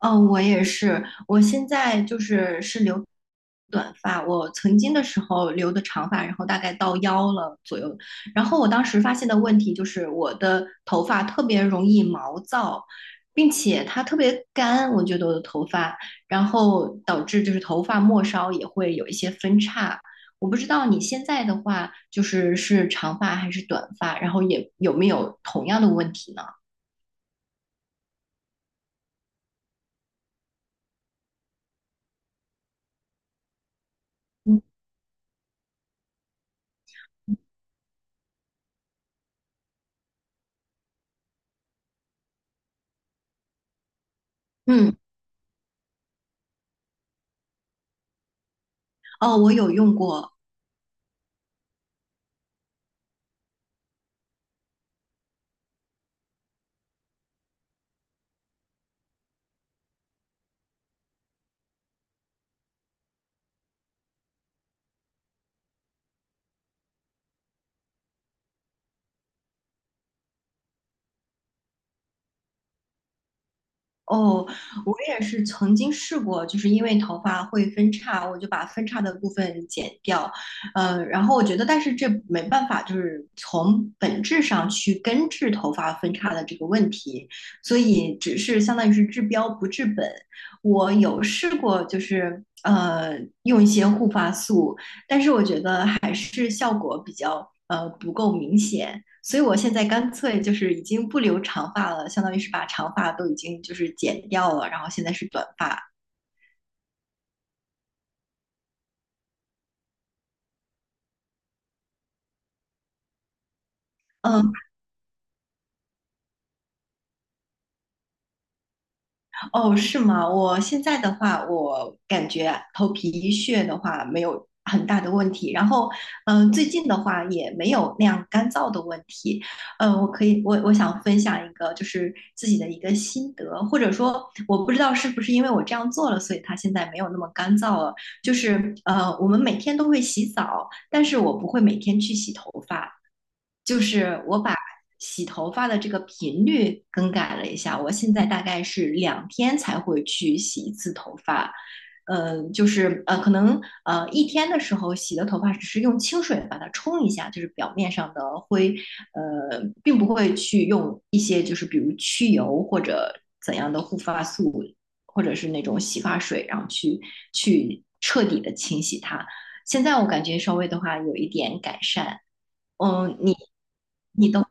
哦，我也是。我现在就是留短发，我曾经的时候留的长发，然后大概到腰了左右。然后我当时发现的问题就是我的头发特别容易毛躁，并且它特别干，我觉得我的头发，然后导致就是头发末梢也会有一些分叉。我不知道你现在的话就是长发还是短发，然后也有没有同样的问题呢？嗯嗯，哦，我有用过。哦，我也是曾经试过，就是因为头发会分叉，我就把分叉的部分剪掉。然后我觉得，但是这没办法，就是从本质上去根治头发分叉的这个问题，所以只是相当于是治标不治本。我有试过，就是用一些护发素，但是我觉得还是效果比较不够明显。所以我现在干脆就是已经不留长发了，相当于是把长发都已经就是剪掉了，然后现在是短发。嗯，哦，是吗？我现在的话，我感觉头皮屑的话没有很大的问题，然后，最近的话也没有那样干燥的问题。嗯、我可以，我我想分享一个就是自己的一个心得，或者说我不知道是不是因为我这样做了，所以它现在没有那么干燥了。就是我们每天都会洗澡，但是我不会每天去洗头发。就是我把洗头发的这个频率更改了一下，我现在大概是2天才会去洗一次头发。就是可能一天的时候洗的头发只是用清水把它冲一下，就是表面上的灰，并不会去用一些就是比如去油或者怎样的护发素，或者是那种洗发水，然后去彻底的清洗它。现在我感觉稍微的话有一点改善。嗯，你你都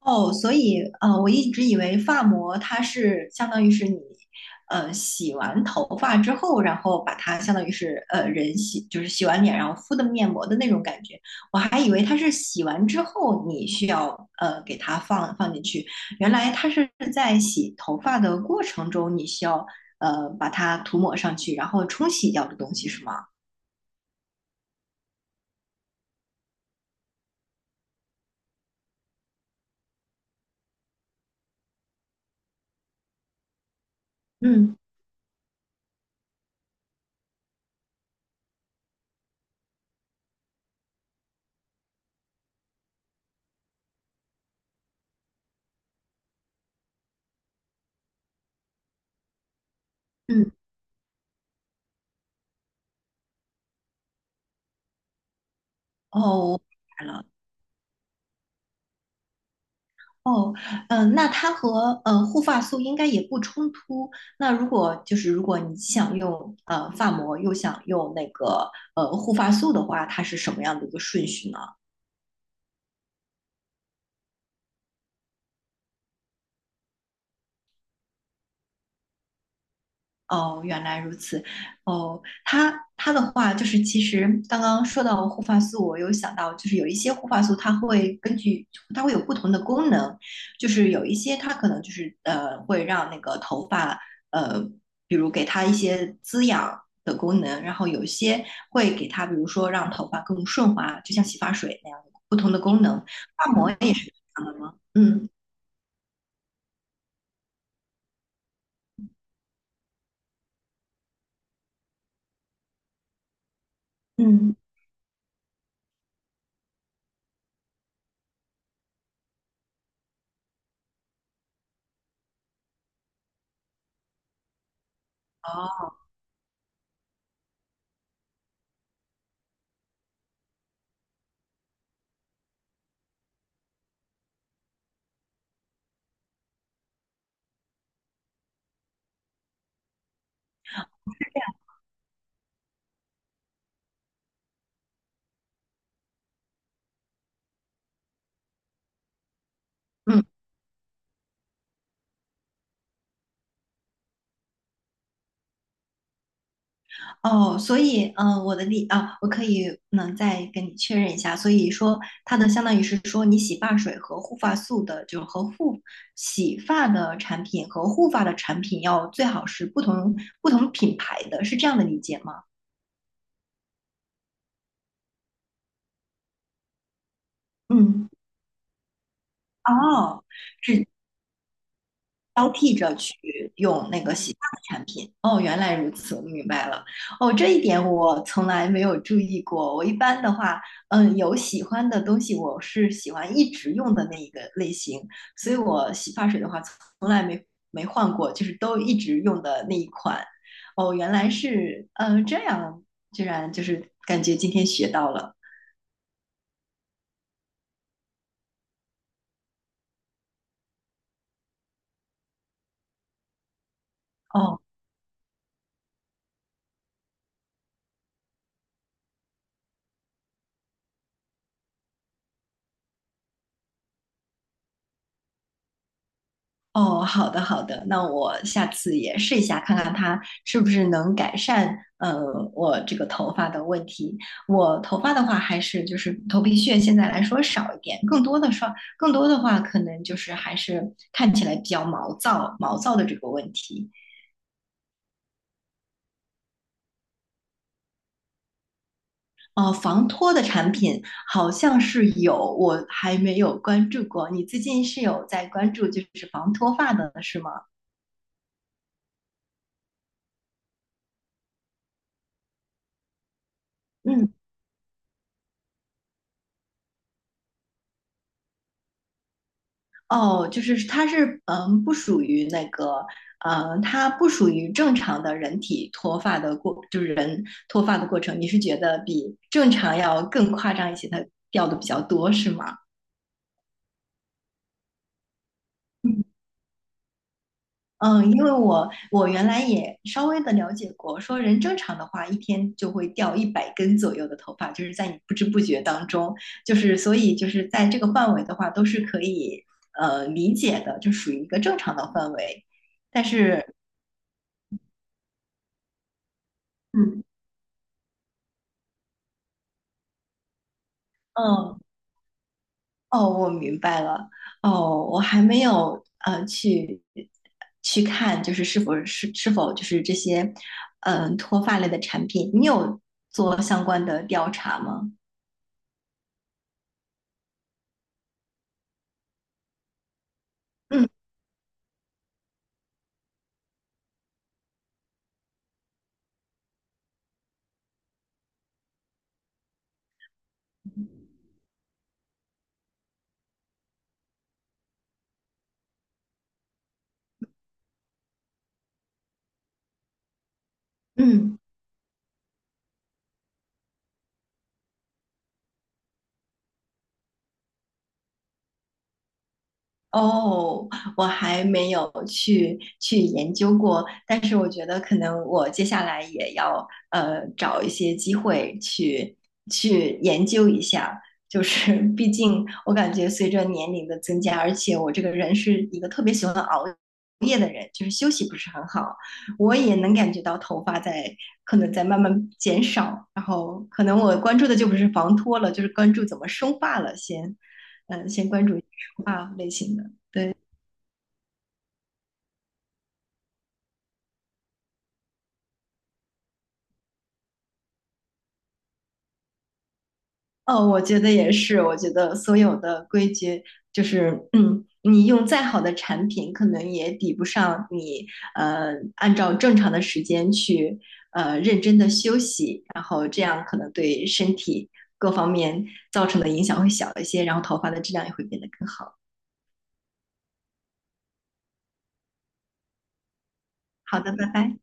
哦，所以我一直以为发膜它是相当于是你洗完头发之后，然后把它相当于是呃人洗就是洗完脸然后敷的面膜的那种感觉，我还以为它是洗完之后你需要给它放进去，原来它是在洗头发的过程中你需要把它涂抹上去，然后冲洗掉的东西是吗？嗯。嗯，哦，我明白了。哦，嗯，那它和护发素应该也不冲突。那如果就是如果你既想用发膜，又想用那个护发素的话，它是什么样的一个顺序呢？哦，原来如此。哦，它的话就是，其实刚刚说到护发素，我有想到，就是有一些护发素，它会根据它会有不同的功能，就是有一些它可能就是会让那个头发呃，比如给它一些滋养的功能，然后有一些会给它，比如说让头发更顺滑，就像洗发水那样的不同的功能。发膜也是这样的吗？嗯嗯，哦，嗯。哦，所以，嗯、呃我的理啊，我能再跟你确认一下。所以说，它的相当于是说，你洗发水和护发素的，就是洗发的产品和护发的产品要最好是不同品牌的，是这样的理解吗？嗯，哦，交替着去用那个洗发的产品。哦，原来如此，我明白了。哦，这一点我从来没有注意过。我一般的话，有喜欢的东西，我是喜欢一直用的那一个类型，所以我洗发水的话，从来没换过，就是都一直用的那一款。哦，原来是，这样，居然就是感觉今天学到了。哦，哦，好的好的，那我下次也试一下，看看它是不是能改善我这个头发的问题。我头发的话，还是就是头皮屑现在来说少一点，更多的说更多的话，可能就是还是看起来比较毛躁毛躁的这个问题。哦，防脱的产品好像是有，我还没有关注过。你最近是有在关注就是防脱发的是吗？嗯。哦，就是它是不属于那个，它不属于正常的人体脱发的过，就是人脱发的过程。你是觉得比正常要更夸张一些，它掉的比较多，是吗？嗯，因为我原来也稍微的了解过，说人正常的话，一天就会掉100根左右的头发，就是在你不知不觉当中，就是所以就是在这个范围的话，都是可以理解的，就属于一个正常的范围。但是，嗯嗯，哦，我明白了。哦，我还没有去看，就是是否就是这些脱发类的产品，你有做相关的调查吗？嗯嗯。哦，我还没有去研究过，但是我觉得可能我接下来也要找一些机会去研究一下，就是毕竟我感觉随着年龄的增加，而且我这个人是一个特别喜欢熬夜的人，就是休息不是很好，我也能感觉到头发在可能在慢慢减少，然后可能我关注的就不是防脱了，就是关注怎么生发了先，先关注生发类型的。对，哦，我觉得也是。我觉得所有的规矩，就是，嗯，你用再好的产品，可能也抵不上你，按照正常的时间去，认真的休息，然后这样可能对身体各方面造成的影响会小一些，然后头发的质量也会变得更好。好的，拜拜。